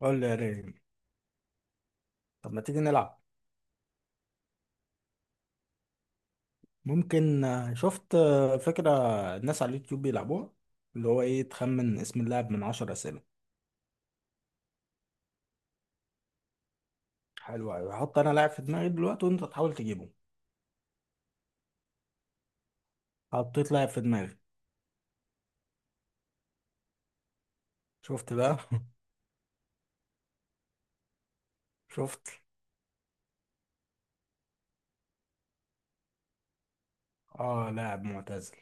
قول لي يا ريم. طب ما تيجي نلعب. ممكن شفت فكرة الناس على اليوتيوب بيلعبوها اللي هو ايه تخمن اسم اللاعب من 10 أسئلة. حلو أوي، هحط أنا لاعب في دماغي دلوقتي وأنت تحاول تجيبه. حطيت لاعب في دماغي. شفت بقى. شفت. اه، لاعب معتزل.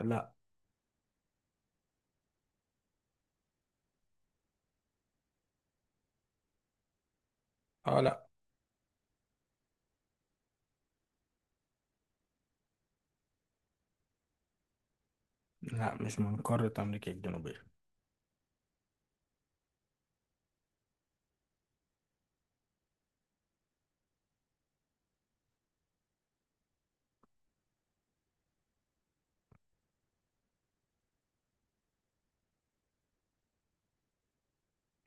لا. اه، لا. لا، مش من قارة أمريكا الجنوبية.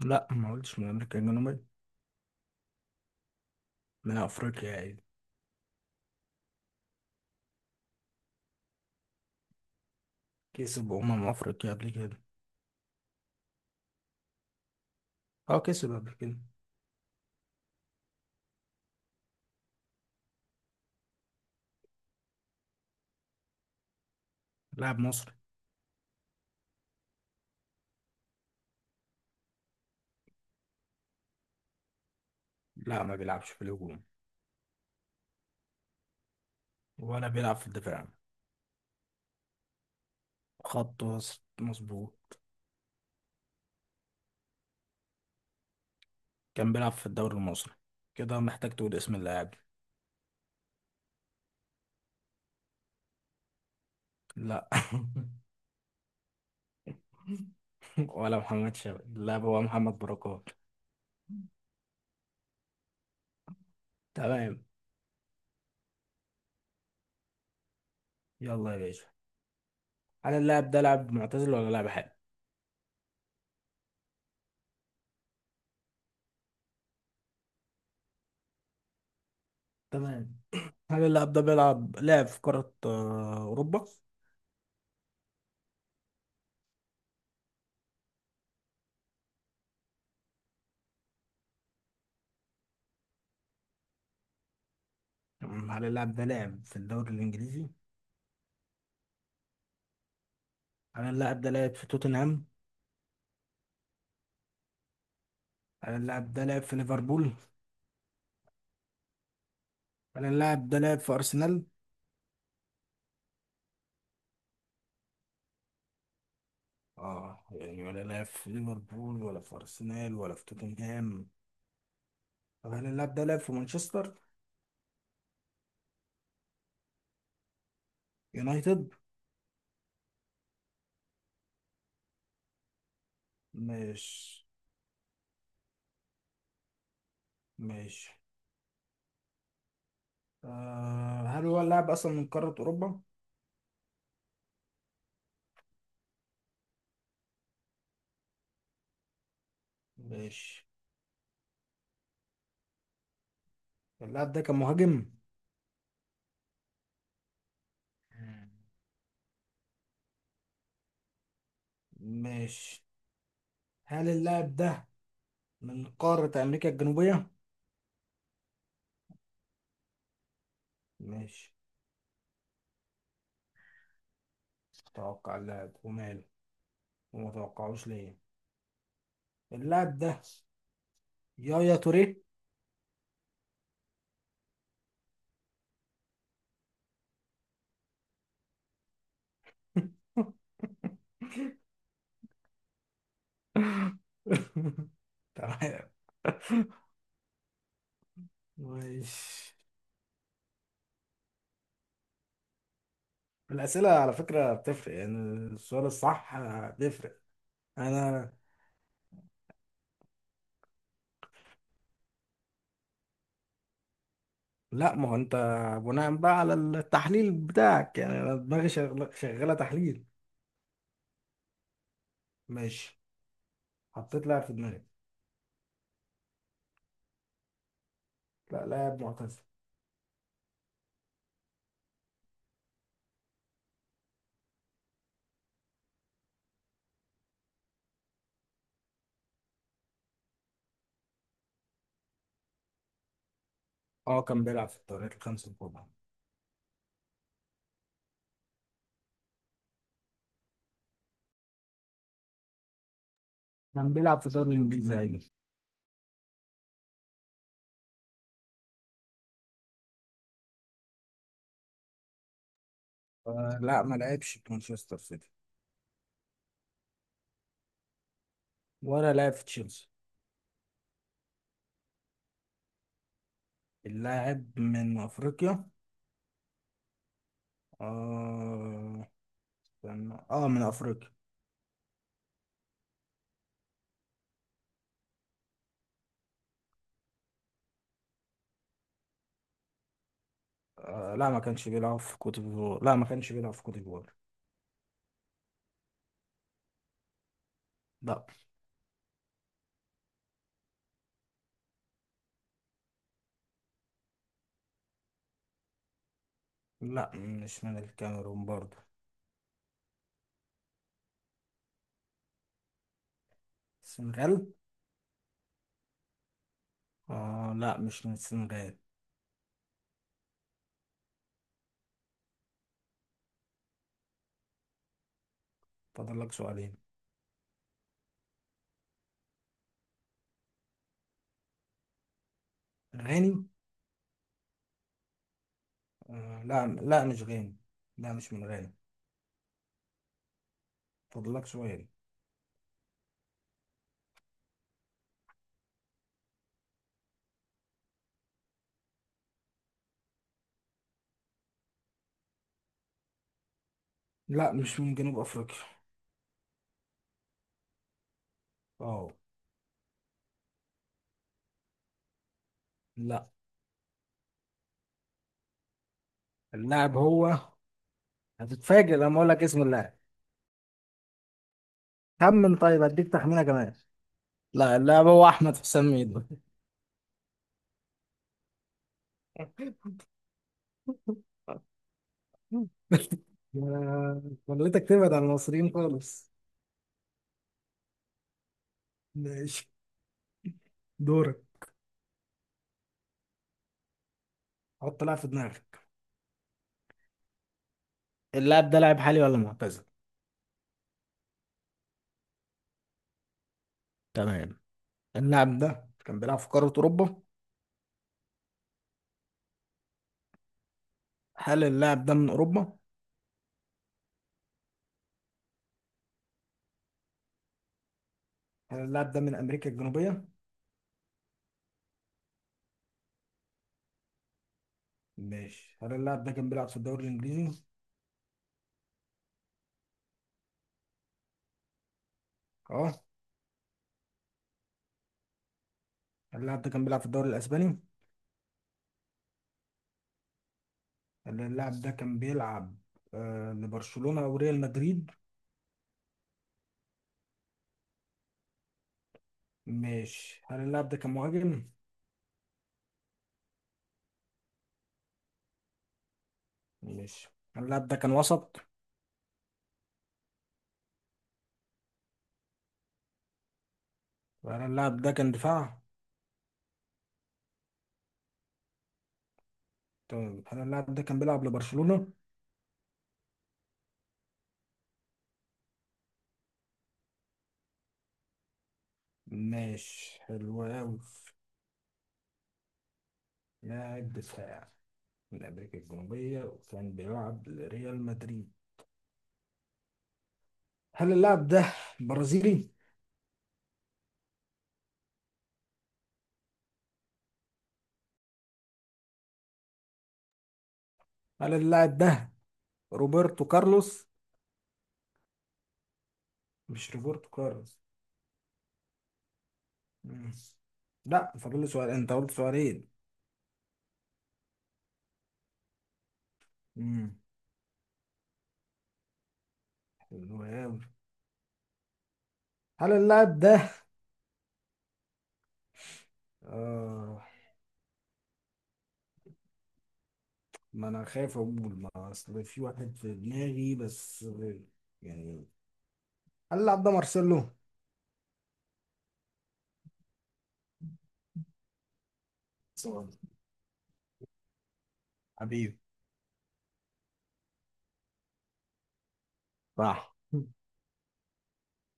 لا ما قلتش من أمريكا الجنوبية. من أفريقيا عادي. كسب أمم أفريقيا قبل كده. اه، كسب قبل كده. لاعب مصري. لا، ما بيلعبش في الهجوم. ولا بيلعب في الدفاع. خط وسط مظبوط. كان بيلعب في الدوري المصري. كده محتاج تقول اسم اللاعب. لا. ولا محمد شوقي، اللاعب هو محمد بركات. تمام. يلا يا باشا. هل اللاعب ده لاعب معتزل ولا لاعب حالي؟ تمام. هل اللاعب ده بيلعب لاعب في قارة أوروبا؟ تمام. هل اللاعب ده لاعب في الدوري الإنجليزي؟ هل اللاعب ده لاعب في توتنهام؟ هل اللاعب ده لاعب في ليفربول؟ هل اللاعب ده لاعب في أرسنال؟ اه يعني ولا لعب في ليفربول ولا في ارسنال ولا في توتنهام. طب هل اللاعب ده لعب في مانشستر يونايتد؟ مش. مش هل هو اللاعب اصلا من قارة اوروبا؟ مش. اللاعب ده كان مهاجم؟ مش. هل اللاعب ده من قارة امريكا الجنوبية؟ مش. توقع اللاعب وماله. وما توقعوش ليه. اللاعب ده يايا توريه. تمام. ماشي. الأسئلة على فكرة بتفرق يعني، السؤال الصح بيفرق. أنا. لا ما هو أنت، بناء بقى على التحليل بتاعك يعني، أنا دماغي شغالة تحليل. ماشي. حطيت لاعب في دماغي. لا، لاعب معتزل. أه كان بيلعب في الدوريات الخمسة الكبرى. كان بيلعب في الدوري الإنجليزي عادي. لا ما لعبش في مانشستر سيتي. ولا لعب في تشيلسي. اللاعب من أفريقيا. آه. من أفريقيا. آه لا ما كانش بيلعب في كوت ديفوار، لا ما كانش بيلعب في كوت ديفوار. لا. لا، مش من الكاميرون برضه. السنغال. لا مش من السنغال. فاضل لك سؤالين. غاني. آه لا، لا مش غاني. لا مش من غاني. فاضل لك سؤال. لا مش من جنوب افريقيا. اه. لا، اللاعب هو. هتتفاجئ لما اقول لك اسم اللاعب. خمن طيب، هديك تخمينه كمان. لا، اللاعب هو احمد حسام ميدو. خليتك تبعد عن المصريين خالص. ماشي. دورك. حط لاعب في دماغك. اللاعب ده لاعب حالي ولا معتزل؟ تمام. اللاعب ده كان بيلعب في قارة أوروبا. هل اللاعب ده من أوروبا؟ هل اللاعب ده من امريكا الجنوبيه؟ ماشي، هل اللاعب ده كان بيلعب في الدوري الانجليزي؟ اه. هل اللاعب ده كان بيلعب في الدوري الاسباني؟ هل اللاعب ده كان بيلعب لبرشلونه او ريال مدريد؟ ماشي، هل اللاعب ده كان مهاجم؟ ماشي، هل اللاعب ده كان وسط؟ هل اللاعب ده كان دفاع؟ طيب، هل اللاعب ده كان بيلعب لبرشلونه؟ ماشي، حلو أوي. لاعب دفاع من أمريكا الجنوبية وكان بيلعب لريال مدريد. هل اللاعب ده برازيلي؟ هل اللاعب ده روبرتو كارلوس؟ مش روبرتو كارلوس. مم. لا، فاضل لي سؤال، أنت قلت سؤالين. مم. حلو أوي. هل اللاعب ده. آه ما أنا خايف أقول، ما أصل في واحد في دماغي بس يعني. هل اللاعب ده مارسيلو؟ صح. حبيبي. صح.